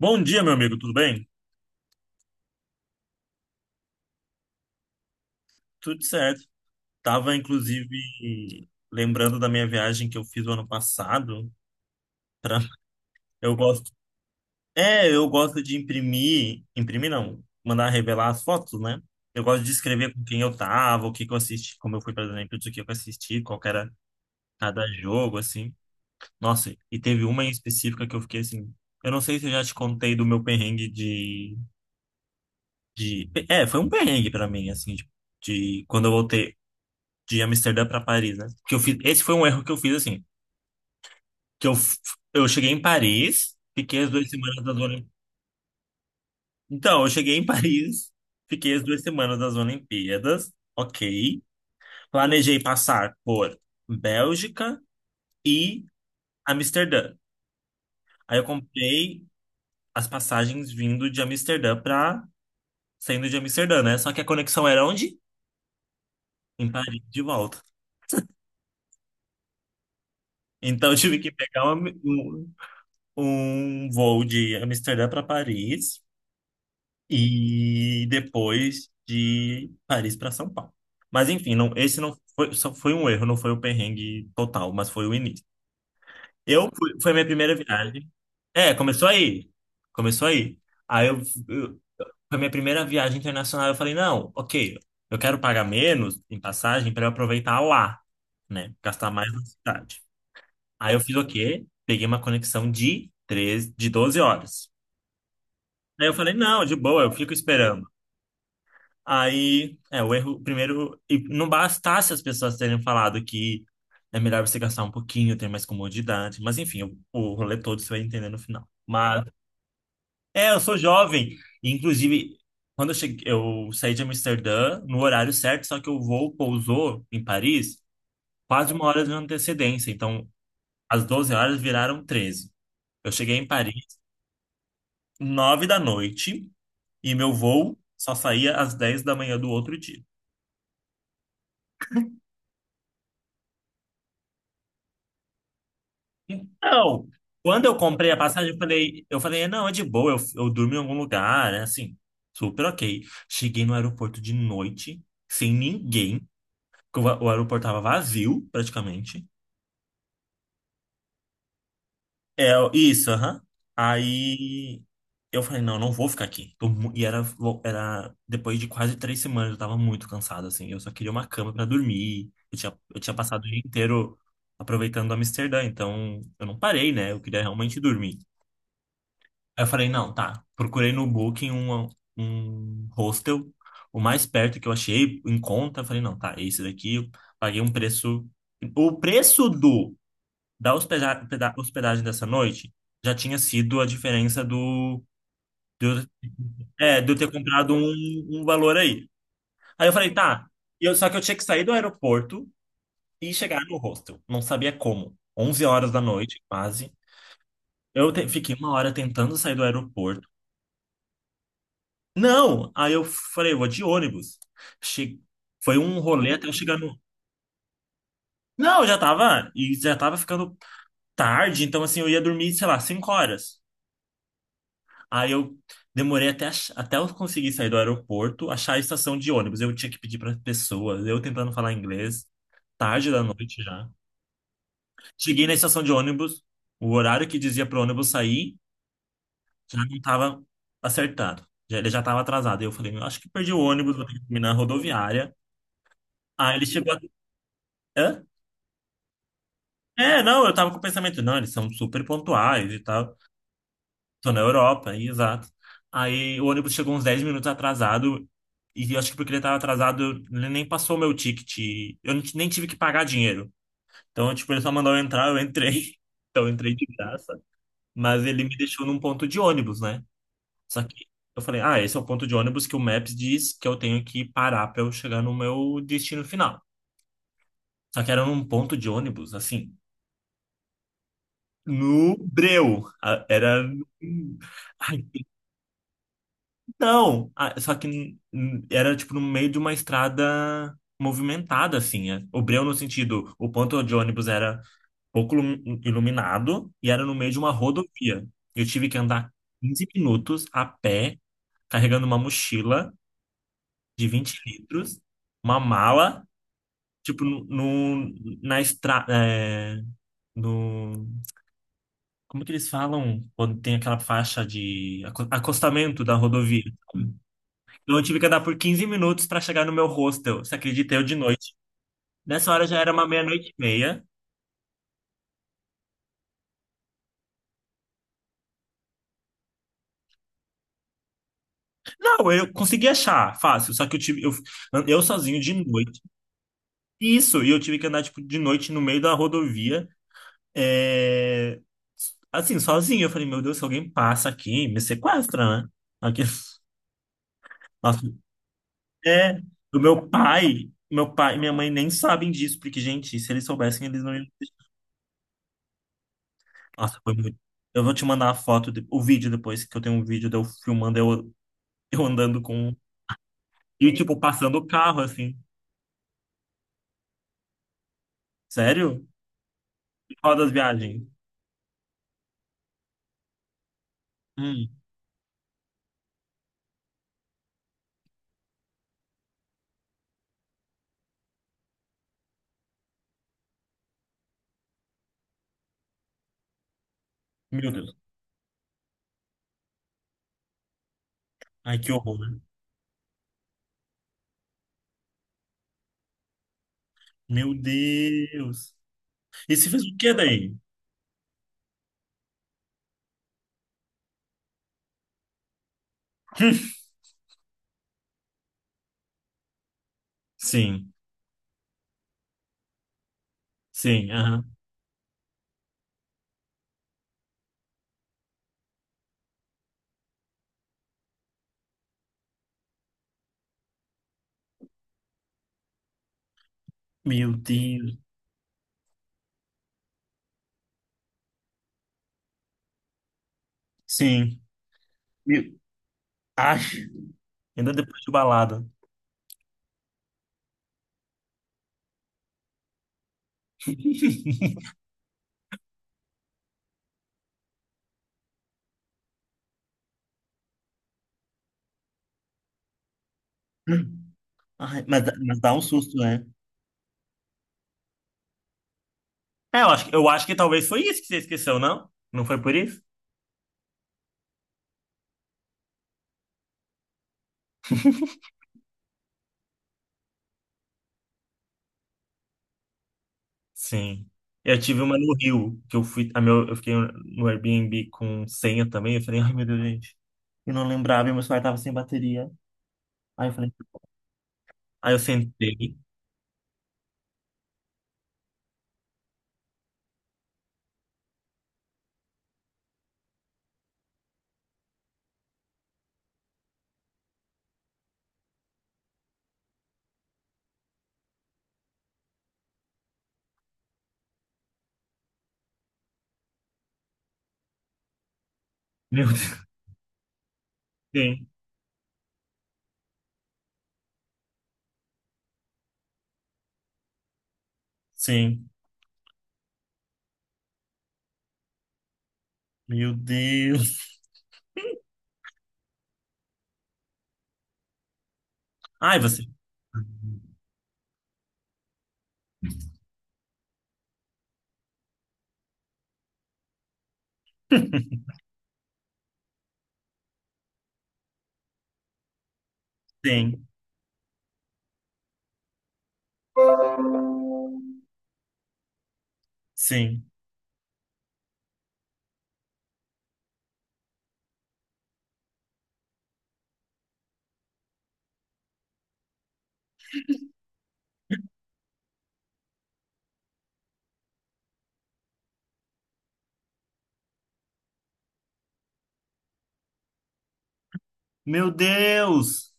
Bom dia, meu amigo, tudo bem? Tudo certo. Tava, inclusive, lembrando da minha viagem que eu fiz o ano passado. pra- Eu gosto. É, eu gosto de imprimir. Imprimir não, mandar revelar as fotos, né? Eu gosto de escrever com quem eu tava, o que que eu assisti, como eu fui, por exemplo, o que eu assisti, qual que era cada jogo, assim. Nossa, e teve uma em específica que eu fiquei assim. Eu não sei se eu já te contei do meu perrengue de. É, foi um perrengue pra mim, assim, de quando eu voltei. De Amsterdã para Paris, né? Que eu fiz, esse foi um erro que eu fiz assim, que eu f- eu cheguei em Paris, fiquei as 2 semanas das Olimpíadas. Então, eu cheguei em Paris, fiquei as duas semanas das Olimpíadas, ok. Planejei passar por Bélgica e Amsterdã. Aí eu comprei as passagens vindo de Amsterdã para saindo de Amsterdã, né? Só que a conexão era onde? Em Paris, de volta. Então, eu tive que pegar um voo de Amsterdã para Paris e depois de Paris para São Paulo. Mas enfim, não, esse não foi, só foi um erro, não foi o perrengue total, mas foi o início. Eu fui, foi a minha primeira viagem. É, começou aí. Começou aí. Aí eu, eu- foi a minha primeira viagem internacional, eu falei, não, OK, eu quero pagar menos em passagem para eu aproveitar lá, né? Gastar mais na cidade. Aí eu fiz o quê? Peguei uma conexão de 13, de 12 horas. Aí eu falei, não, de boa, eu fico esperando. Aí, é, o erro, primeiro, e não bastasse as pessoas terem falado que é melhor você gastar um pouquinho, ter mais comodidade, mas enfim, o rolê todo você vai entender no final. Mas, é, eu sou jovem, e, inclusive, quando eu cheguei, eu saí de Amsterdã no horário certo, só que o voo pousou em Paris quase 1 hora de antecedência, então as 12 horas viraram 13. Eu cheguei em Paris 9 da noite e meu voo só saía às 10 da manhã do outro dia. Então, quando eu comprei a passagem, eu falei, não, é de boa, eu durmo em algum lugar, né? Assim, super ok. Cheguei no aeroporto de noite, sem ninguém, porque o aeroporto tava vazio, praticamente. É, isso, aham. Aí eu falei, não, não vou ficar aqui. E era, era depois de quase 3 semanas, eu tava muito cansado, assim. Eu só queria uma cama pra dormir. Eu tinha passado o dia inteiro aproveitando Amsterdã, então eu não parei, né? Eu queria realmente dormir. Aí eu falei, não, tá. Procurei no Booking um hostel, o mais perto que eu achei, em conta. Eu falei, não, tá, esse daqui. Eu paguei um preço. O preço do da hospedagem dessa noite já tinha sido a diferença do, é, de eu ter comprado um, um valor aí. Aí eu falei, tá. E eu, só que eu tinha que sair do aeroporto e chegar no hostel. Não sabia como. 11 horas da noite, quase. Fiquei 1 hora tentando sair do aeroporto. Não! Aí eu falei, vou de ônibus. Che... Foi um rolê até eu chegar no. Não, eu já tava. E já tava ficando tarde, então assim, eu ia dormir, sei lá, 5 horas. Aí eu demorei até, até eu conseguir sair do aeroporto, achar a estação de ônibus. Eu tinha que pedir para pessoas, eu tentando falar inglês, tarde da noite já. Cheguei na estação de ônibus, o horário que dizia pro ônibus sair já não tava acertado. Já, ele já tava atrasado. Aí eu falei, acho que perdi o ônibus, vou ter que terminar a rodoviária. Aí ele chegou. Hã? É, não, eu tava com o pensamento, não, eles são super pontuais e tal. Tô na Europa, e exato. Aí o ônibus chegou uns 10 minutos atrasado, e eu acho que porque ele tava atrasado, ele nem passou o meu ticket. Eu não ti- Nem tive que pagar dinheiro. Então, tipo, ele só mandou eu entrar, eu entrei. Então, eu entrei de graça. Mas ele me deixou num ponto de ônibus, né? Só que eu falei, ah, esse é o ponto de ônibus que o Maps diz que eu tenho que parar pra eu chegar no meu destino final. Só que era num ponto de ônibus, assim. No Breu. Era. Ai, então. Só que era tipo no meio de uma estrada movimentada, assim. É. O Breu, no sentido, o ponto de ônibus era pouco iluminado e era no meio de uma rodovia. Eu tive que andar 15 minutos a pé, carregando uma mochila de 20 litros, uma mala, tipo, na estrada. No, Como que eles falam quando tem aquela faixa de acostamento da rodovia? Então eu tive que andar por 15 minutos para chegar no meu hostel. Você acredita? Eu de noite. Nessa hora já era uma meia-noite e meia. Não, eu consegui achar, fácil. Só que eu tive, eu sozinho de noite. Isso, e eu tive que andar tipo, de noite no meio da rodovia. É, assim, sozinho. Eu falei, meu Deus, se alguém passa aqui, me sequestra, né? Aqui... Nossa, é, do meu pai e minha mãe nem sabem disso, porque, gente, se eles soubessem, eles não iam. Nossa, foi muito. Eu vou te mandar a foto, o vídeo depois, que eu tenho um vídeo de eu filmando eu andando com. E, tipo, passando o carro, assim. Sério? Qual das viagens? Hum, meu Deus. Ai, que horror, né? Meu Deus. E se fez o quê daí? Sim, sim, aham. Meu Deus. Sim. Meu... Ai, ainda depois de balada. Ai, mas dá um susto, né? É, eu acho que talvez foi isso que você esqueceu, não? Não foi por isso? Sim. Eu tive uma no Rio, que eu fui, a meu, eu fiquei no Airbnb com senha também. Eu falei, ai meu Deus, gente, eu não lembrava, e meu celular tava sem bateria. Aí eu falei, aí eu sentei. Meu Deus, sim, sim, meu Deus. Ai, você. Sim, sim. Meu Deus!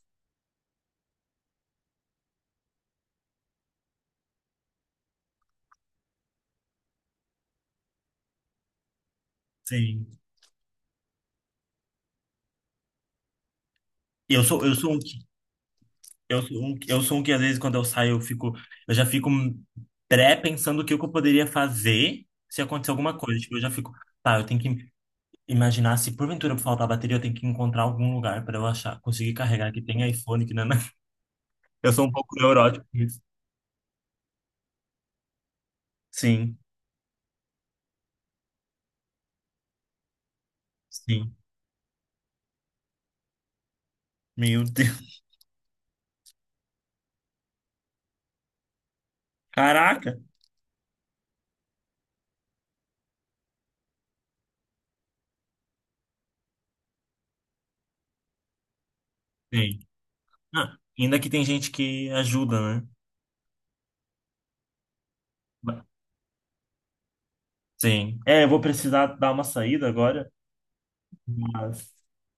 Sim. Eu sou um. Eu sou um, eu sou um que às vezes quando eu saio eu fico, eu já fico pré-pensando o que eu poderia fazer se acontecer alguma coisa. Tipo, eu já fico, tá, eu tenho que imaginar se porventura faltar bateria, eu tenho que encontrar algum lugar para eu achar, conseguir carregar que tem iPhone, que não, Eu sou um pouco neurótico com isso. Sim, sim. Meu Deus. Caraca. Sim. Ah, ainda que tem gente que ajuda, né? Sim. É, eu vou precisar dar uma saída agora. Mas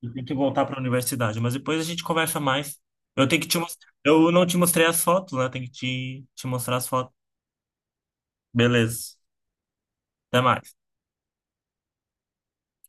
eu tenho que voltar para a universidade. Mas depois a gente conversa mais. Eu tenho que te mostrar. Eu não te mostrei as fotos, né? Tenho que te mostrar as fotos. Beleza. Até mais.